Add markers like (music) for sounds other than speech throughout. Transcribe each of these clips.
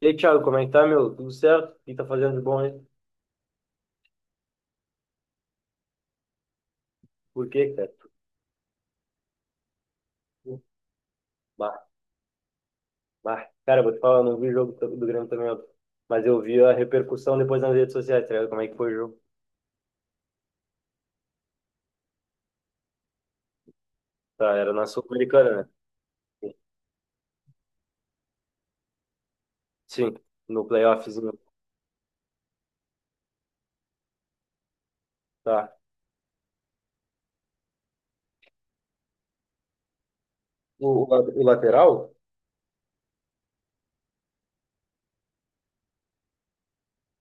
E aí, Thiago, como é que tá, meu? Tudo certo? O que tá fazendo de bom, hein? Por quê, cara? Bah, bah. Cara, vou te falar, eu não vi o jogo do Grêmio também, ó. Mas eu vi a repercussão depois nas redes sociais, tá ligado? Como é que foi o jogo? Tá, era na Sul-Americana, né? Sim, no playoffzinho. Tá. O lateral?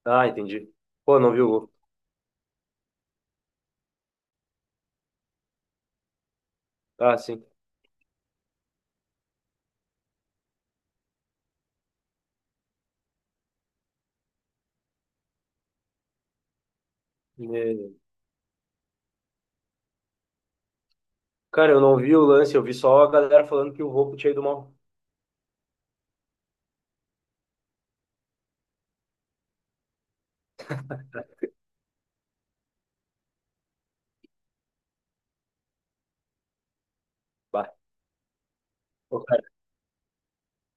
Ah, entendi. Pô, não vi o gol. Ah, sim. E, cara, eu não vi o lance, eu vi só a galera falando que o Volpi tinha ido mal. Bah.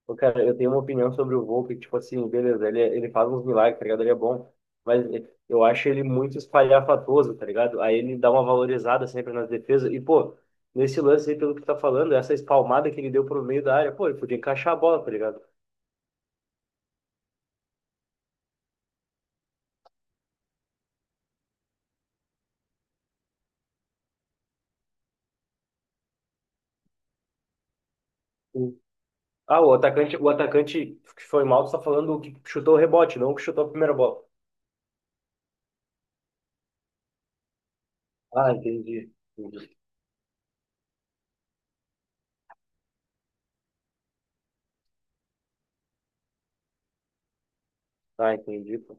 Pô, cara, eu tenho uma opinião sobre o Volpe, que, tipo assim, beleza, ele faz uns milagres, tá ligado? Ele é bom, mas eu acho ele muito espalhafatoso, tá ligado? Aí ele dá uma valorizada sempre nas defesas. E, pô, nesse lance aí, pelo que tu tá falando, essa espalmada que ele deu pro meio da área, pô, ele podia encaixar a bola, tá ligado? O- Ah, o atacante que foi mal, tu tá falando o que chutou o rebote, não o que chutou a primeira bola. Ah, entendi. Entendi. Ah, entendi, pô.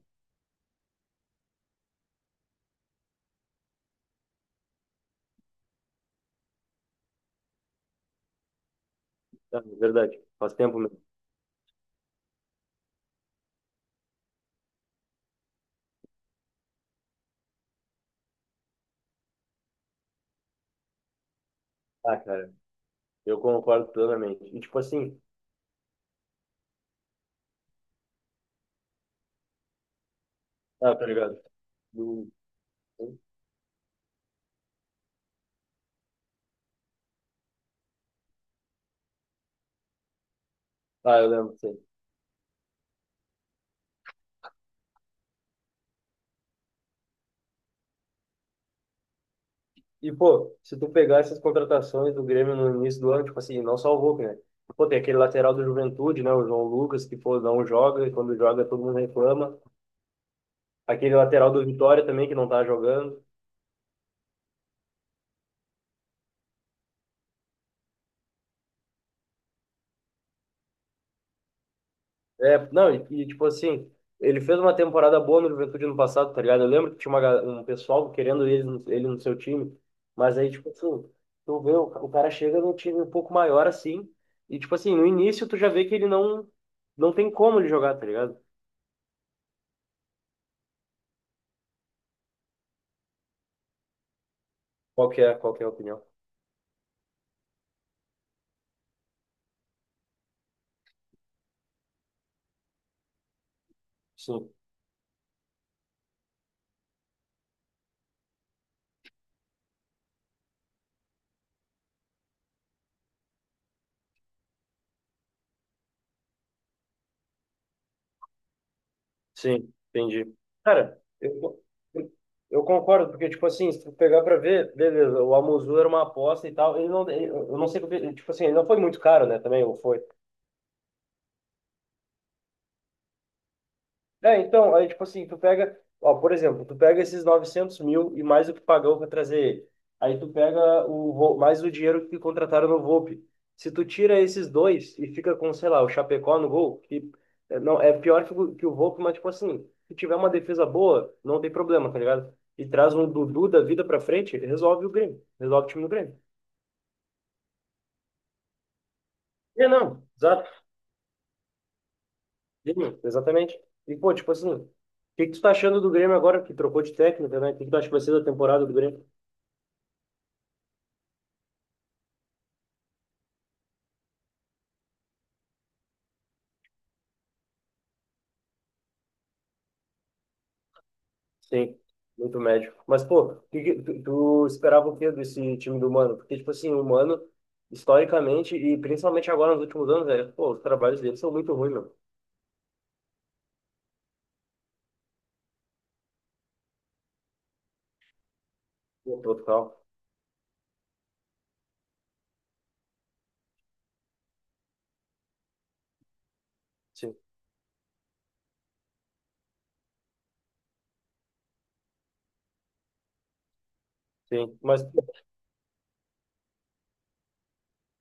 Ah, é verdade. Faz tempo mesmo. Ah, cara, eu concordo plenamente. E, tipo assim, tá ligado? Ah, eu lembro, sim. E, pô, se tu pegar essas contratações do Grêmio no início do ano, tipo assim, não salvou, né? Pô, tem aquele lateral do Juventude, né? O João Lucas, que, pô, não joga, e quando joga todo mundo reclama. Aquele lateral do Vitória também, que não tá jogando. É, não, e, tipo assim, ele fez uma temporada boa no Juventude no passado, tá ligado? Eu lembro que tinha um pessoal querendo ele, ele no seu time, mas aí, tipo assim, tu vê, o cara chega num time um pouco maior, assim, e, tipo assim, no início tu já vê que ele não, não tem como ele jogar, tá ligado? Qual que é a opinião? Sim, sim, entendi. Cara, eu concordo, porque, tipo assim, se tu pegar pra ver, beleza, o Amuzu era uma aposta e tal, ele não, ele- eu não sei, porque, tipo assim, ele não foi muito caro, né, também, ou foi? É, então, aí, tipo assim, tu pega, ó, por exemplo, tu pega esses 900 mil e mais o que pagou para trazer ele. Aí tu pega mais o dinheiro que contrataram no Volpe. Se tu tira esses dois e fica com, sei lá, o Chapecó no gol, que é, não, é pior que que o Volpe, mas, tipo assim, se tiver uma defesa boa, não tem problema, tá ligado? E traz um Dudu da vida pra frente, resolve o Grêmio, resolve o time do Grêmio. É não, exato, sim, exatamente. E, pô, tipo assim, o que que tu tá achando do Grêmio agora, que trocou de técnico, né? O que que tu acha que vai ser da temporada do Grêmio? Sim, muito médio. Mas, pô, tu esperava o quê desse time do Mano? Porque, tipo assim, o Mano, historicamente, e principalmente agora nos últimos anos, velho, pô, os trabalhos dele são muito ruins, meu. Pô, total. Sim, sim. Mas,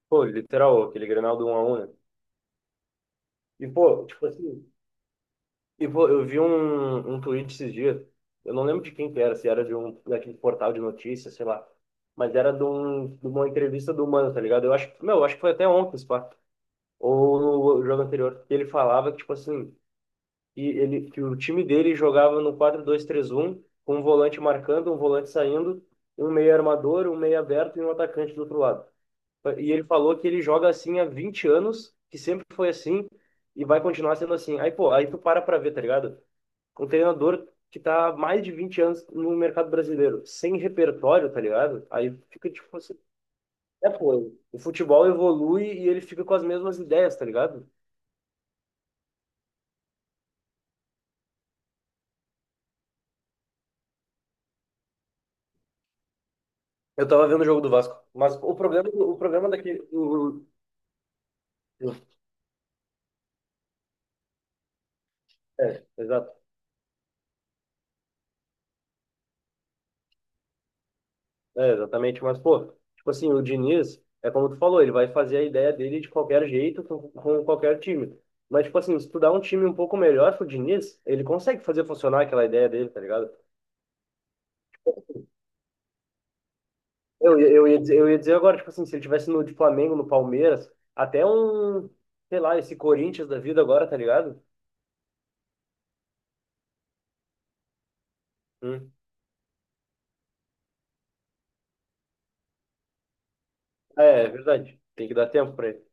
pô, literal, aquele Grenal do 1-1, né? E, pô, tipo assim, e, pô, eu vi um tweet esses dias, eu não lembro de quem que era, se era de um daquele portal de notícias, sei lá. Mas era de uma entrevista do Mano, tá ligado? Eu acho, meu, eu acho que foi até ontem, pá. Ou no jogo anterior, que ele falava que, tipo assim, que o time dele jogava no 4 dois três um com um volante marcando, um volante saindo, um meio armador, um meio aberto e um atacante do outro lado. E ele falou que ele joga assim há 20 anos, que sempre foi assim, e vai continuar sendo assim. Aí, pô, aí tu para pra ver, tá ligado? Um treinador que tá há mais de 20 anos no mercado brasileiro, sem repertório, tá ligado? Aí fica tipo assim. Pô, o futebol evolui e ele fica com as mesmas ideias, tá ligado? Eu tava vendo o jogo do Vasco, mas o problema, daqui, o- é, exato, é, exatamente, mas pô, tipo assim, o Diniz, é como tu falou, ele vai fazer a ideia dele de qualquer jeito, com qualquer time, mas tipo assim, se tu dá um time um pouco melhor pro Diniz, ele consegue fazer funcionar aquela ideia dele, tá ligado? Eu ia dizer agora, tipo assim, se ele tivesse no de Flamengo, no Palmeiras, até um, sei lá, esse Corinthians da vida agora, tá ligado? Hum. É, é verdade, tem que dar tempo pra ele.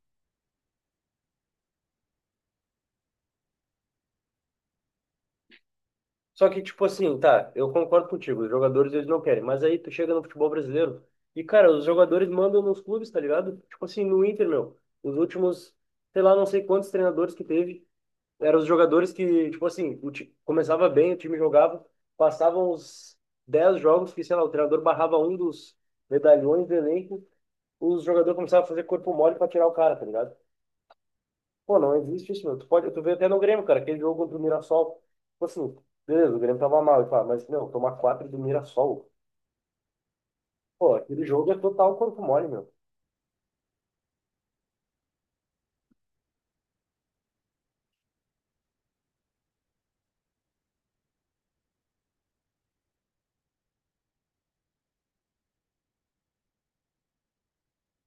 Só que, tipo assim, tá, eu concordo contigo, os jogadores eles não querem, mas aí tu chega no futebol brasileiro e, cara, os jogadores mandam nos clubes, tá ligado? Tipo assim, no Inter, meu, os últimos, sei lá, não sei quantos treinadores que teve, eram os jogadores que, tipo assim, começava bem, o time jogava, passavam os 10 jogos que, sei lá, o treinador barrava um dos medalhões do elenco, os jogadores começavam a fazer corpo mole pra tirar o cara, tá ligado? Pô, não existe isso, meu. Tu vê até no Grêmio, cara, aquele jogo contra o Mirassol. Tipo assim, beleza, o Grêmio tava mal, e pá, mas, meu, tomar quatro do Mirassol. Pô, aquele jogo é total corpo mole, meu.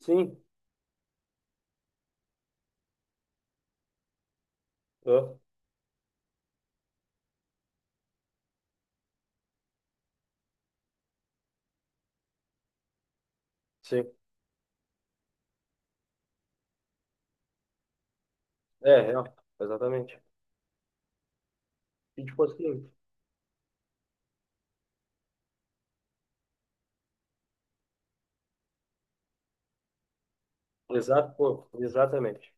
Sim, é, sim. É, real, exatamente. E tipo assim, exato, pô, exatamente.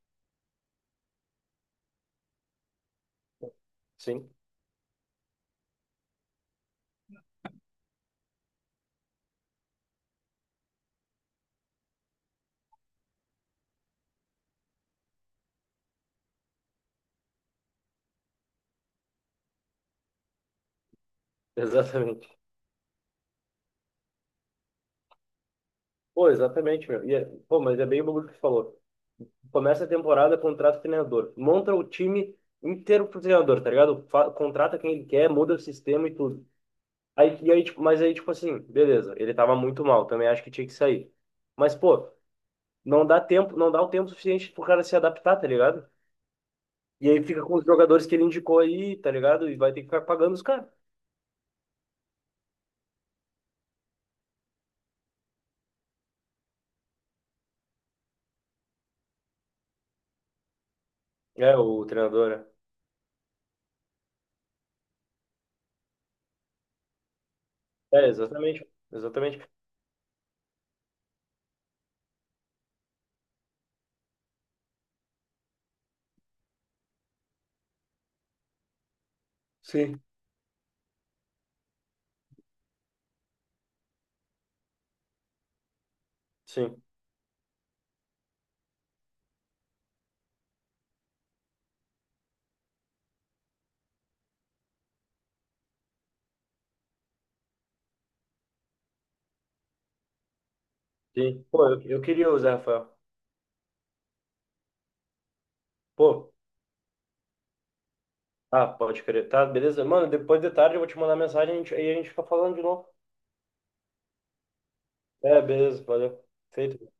Sim, (laughs) exatamente. Pô, exatamente, meu. Pô, mas é bem o bagulho que tu falou. Começa a temporada, contrata o treinador. Monta o time inteiro pro treinador, tá ligado? Contrata quem ele quer, muda o sistema e tudo. E aí, tipo, mas aí, tipo assim, beleza, ele tava muito mal, também acho que tinha que sair. Mas, pô, não dá tempo, não dá o tempo suficiente pro cara se adaptar, tá ligado? E aí fica com os jogadores que ele indicou aí, tá ligado? E vai ter que ficar pagando os caras. É, o treinador, né? É, exatamente, exatamente. Sim, sim, sim. Pô, eu queria o Zé Rafael. Pô, ah, pode crer. Tá, beleza? Mano, depois de tarde eu vou te mandar mensagem e a gente fica falando de novo. É, beleza, valeu. Feito.